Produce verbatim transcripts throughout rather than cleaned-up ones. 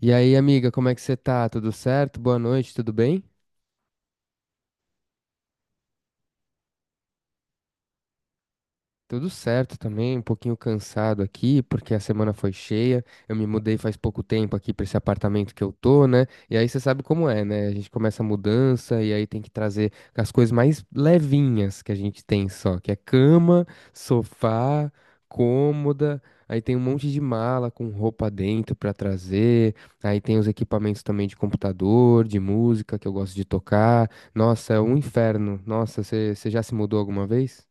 E aí, amiga, como é que você tá? Tudo certo? Boa noite, tudo bem? Tudo certo também, um pouquinho cansado aqui, porque a semana foi cheia. Eu me mudei faz pouco tempo aqui para esse apartamento que eu tô, né? E aí você sabe como é, né? A gente começa a mudança e aí tem que trazer as coisas mais levinhas que a gente tem só, que é cama, sofá, cômoda. Aí tem um monte de mala com roupa dentro para trazer. Aí tem os equipamentos também de computador, de música que eu gosto de tocar. Nossa, é um inferno. Nossa, você você já se mudou alguma vez?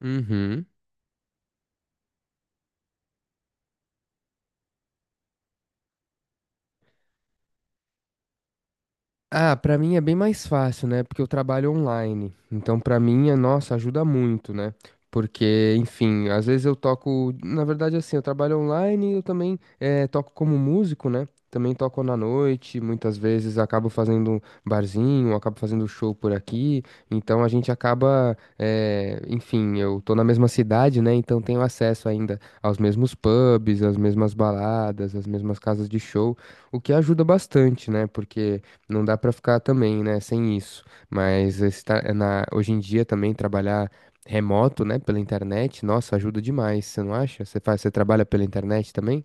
Uhum. Ah, pra mim é bem mais fácil, né? Porque eu trabalho online. Então, pra mim, é, nossa, ajuda muito, né? Porque, enfim, às vezes eu toco. Na verdade, assim, eu trabalho online e eu também eh, toco como músico, né? Também toco na noite, muitas vezes acabo fazendo um barzinho, acabo fazendo show por aqui. Então a gente acaba, eh, enfim, eu tô na mesma cidade, né? Então tenho acesso ainda aos mesmos pubs, às mesmas baladas, às mesmas casas de show, o que ajuda bastante, né? Porque não dá pra ficar também, né, sem isso. Mas esse tá- é na, hoje em dia também trabalhar remoto, né, pela internet, nossa, ajuda demais, você não acha? Você faz, você trabalha pela internet também?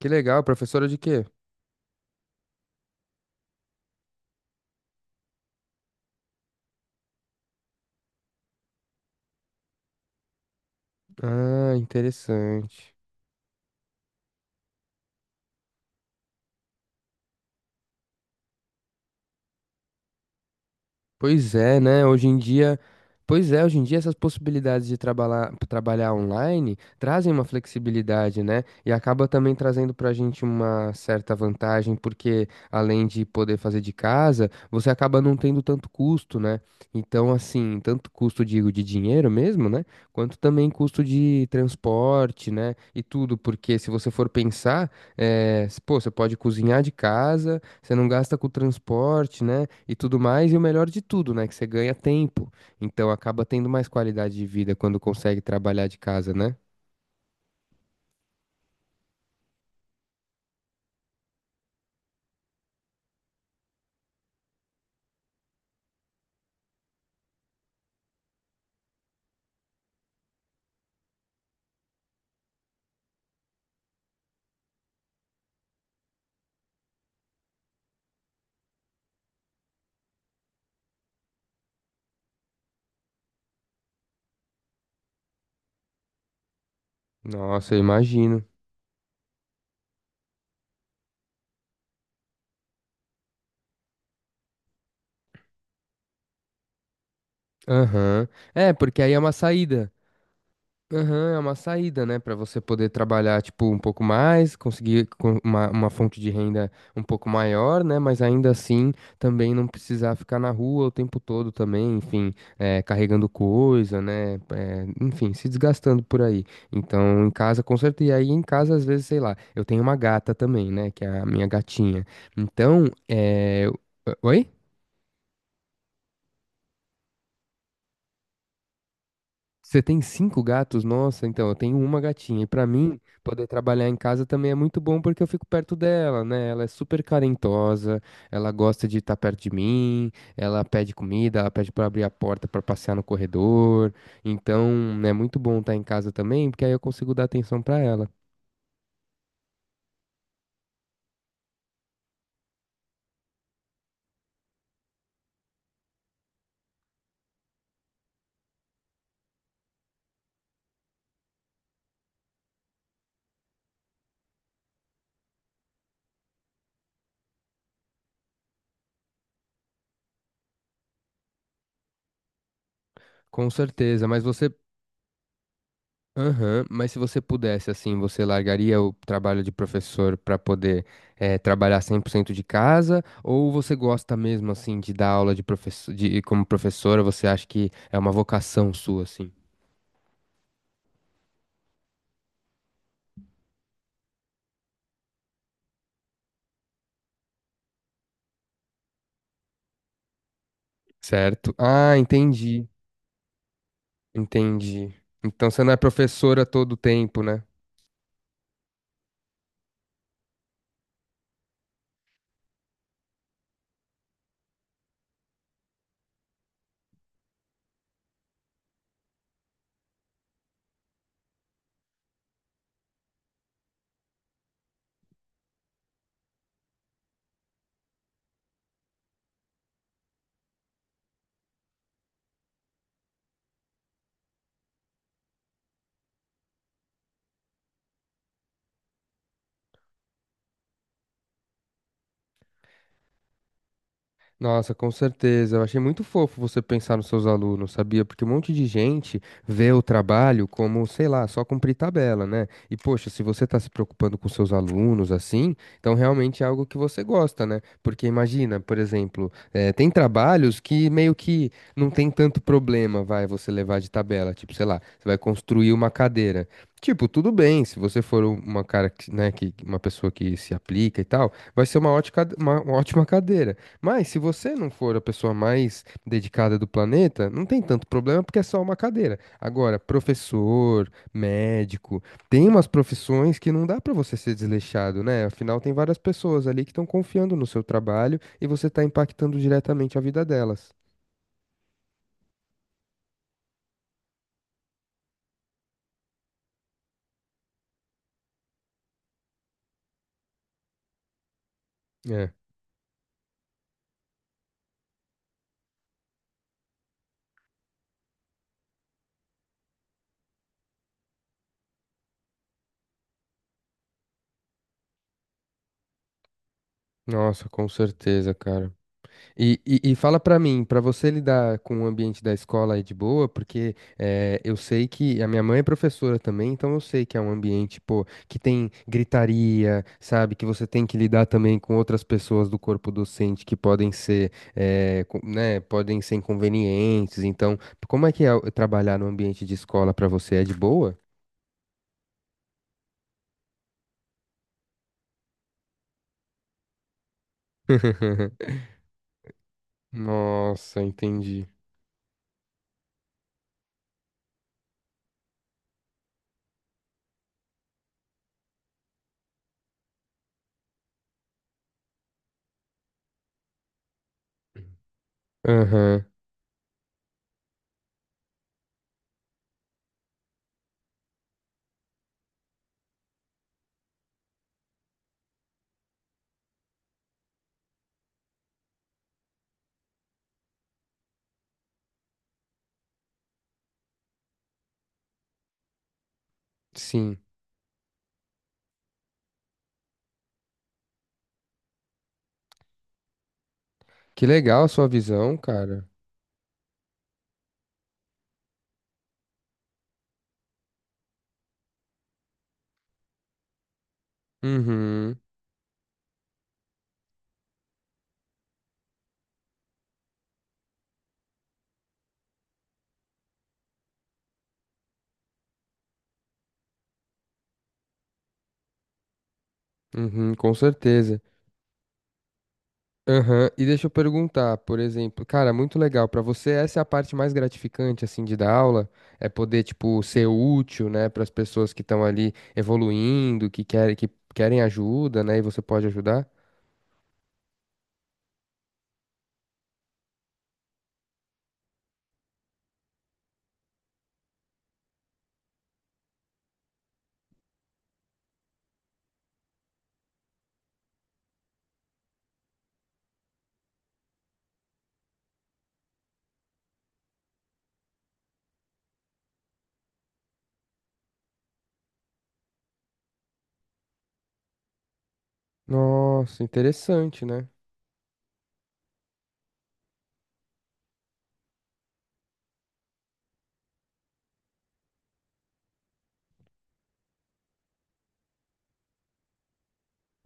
Que legal, professora de quê? Ah, interessante. Pois é, né? Hoje em dia, pois é, hoje em dia essas possibilidades de trabalhar, trabalhar online trazem uma flexibilidade, né? E acaba também trazendo pra gente uma certa vantagem, porque além de poder fazer de casa, você acaba não tendo tanto custo, né? Então, assim, tanto custo, digo, de dinheiro mesmo, né? Quanto também custo de transporte, né? E tudo, porque se você for pensar, eh, pô, você pode cozinhar de casa. Você não gasta com transporte, né? E tudo mais. E o melhor de tudo, né? Que você ganha tempo. Então acaba tendo mais qualidade de vida quando consegue trabalhar de casa, né? Nossa, eu imagino. Aham. É, porque aí é uma saída. Aham, é uma saída, né, pra você poder trabalhar, tipo, um pouco mais, conseguir com- uma, uma fonte de renda um pouco maior, né, mas ainda assim também não precisar ficar na rua o tempo todo também, enfim, é, carregando coisa, né, é, enfim, se desgastando por aí. Então, em casa, com certeza, e aí em casa, às vezes, sei lá, eu tenho uma gata também, né, que é a minha gatinha. Então, é... Oi? Você tem cinco gatos? Nossa, então, eu tenho uma gatinha. E pra mim, poder trabalhar em casa também é muito bom porque eu fico perto dela, né? Ela é super carentosa, ela gosta de estar perto de mim, ela pede comida, ela pede pra abrir a porta pra passear no corredor. Então, é muito bom estar em casa também, porque aí eu consigo dar atenção pra ela. Com certeza, mas você aham, mas se você pudesse, assim, você largaria o trabalho de professor para poder eh, trabalhar cem por cento de casa? Ou você gosta mesmo, assim, de dar aula de professor, de, como professora? Você acha que é uma vocação sua, assim? Certo? Ah, entendi, entendi. Então você não é professora todo o tempo, né? Nossa, com certeza. Eu achei muito fofo você pensar nos seus alunos, sabia? Porque um monte de gente vê o trabalho como, sei lá, só cumprir tabela, né? E, poxa, se você tá se preocupando com seus alunos assim, então realmente é algo que você gosta, né? Porque imagina, por exemplo, eh, tem trabalhos que meio que não tem tanto problema, vai, você levar de tabela. Tipo, sei lá, você vai construir uma cadeira. Tipo, tudo bem, se você for um- uma cara, que, né, que uma pessoa que se aplica e tal, vai ser uma ótima, uma ótima cadeira. Mas se você não for a pessoa mais dedicada do planeta, não tem tanto problema porque é só uma cadeira. Agora, professor, médico, tem umas profissões que não dá pra você ser desleixado, né? Afinal, tem várias pessoas ali que estão confiando no seu trabalho e você tá impactando diretamente a vida delas. É, nossa, com certeza, cara. E, e- e fala pra mim, pra você lidar com o ambiente da escola aí de boa, porque eh, eu sei que a minha mãe é professora também, então eu sei que é um ambiente, pô, que tem gritaria, sabe? Que você tem que lidar também com outras pessoas do corpo docente que podem ser, eh, co- né, podem ser inconvenientes. Então, como é que é o- trabalhar no ambiente de escola pra você? É de boa? Uhum. Nossa, entendi. Aham, sim. Que legal a sua visão, cara. Uhum. Uhum, com certeza. Aham, e deixa eu perguntar, por exemplo, cara, muito legal. Pra você, essa é a parte mais gratificante, assim, de dar aula? É poder, tipo, ser útil, né, para as pessoas que estão ali evoluindo, que querem, que querem ajuda, né, e você pode ajudar? Nossa, interessante, né?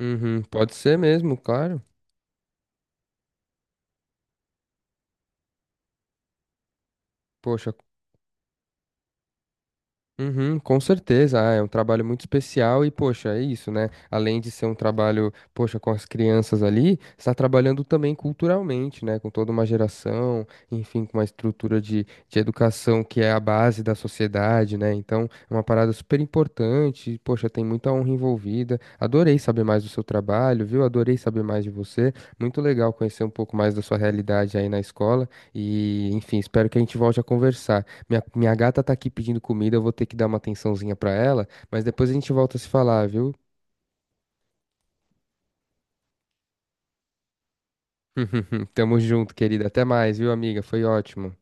Uhum, pode ser mesmo, claro. Poxa, uhum, com certeza, ah, é um trabalho muito especial e, poxa, é isso, né? Além de ser um trabalho, poxa, com as crianças ali, está trabalhando também culturalmente, né? Com toda uma geração, enfim, com uma estrutura de, de educação que é a base da sociedade, né? Então, é uma parada super importante, e, poxa, tem muita honra envolvida. Adorei saber mais do seu trabalho, viu? Adorei saber mais de você. Muito legal conhecer um pouco mais da sua realidade aí na escola e, enfim, espero que a gente volte a conversar. Minha, minha gata tá aqui pedindo comida, eu vou ter que dar uma atençãozinha pra ela, mas depois a gente volta a se falar, viu? Tamo junto, querida. Até mais, viu, amiga? Foi ótimo.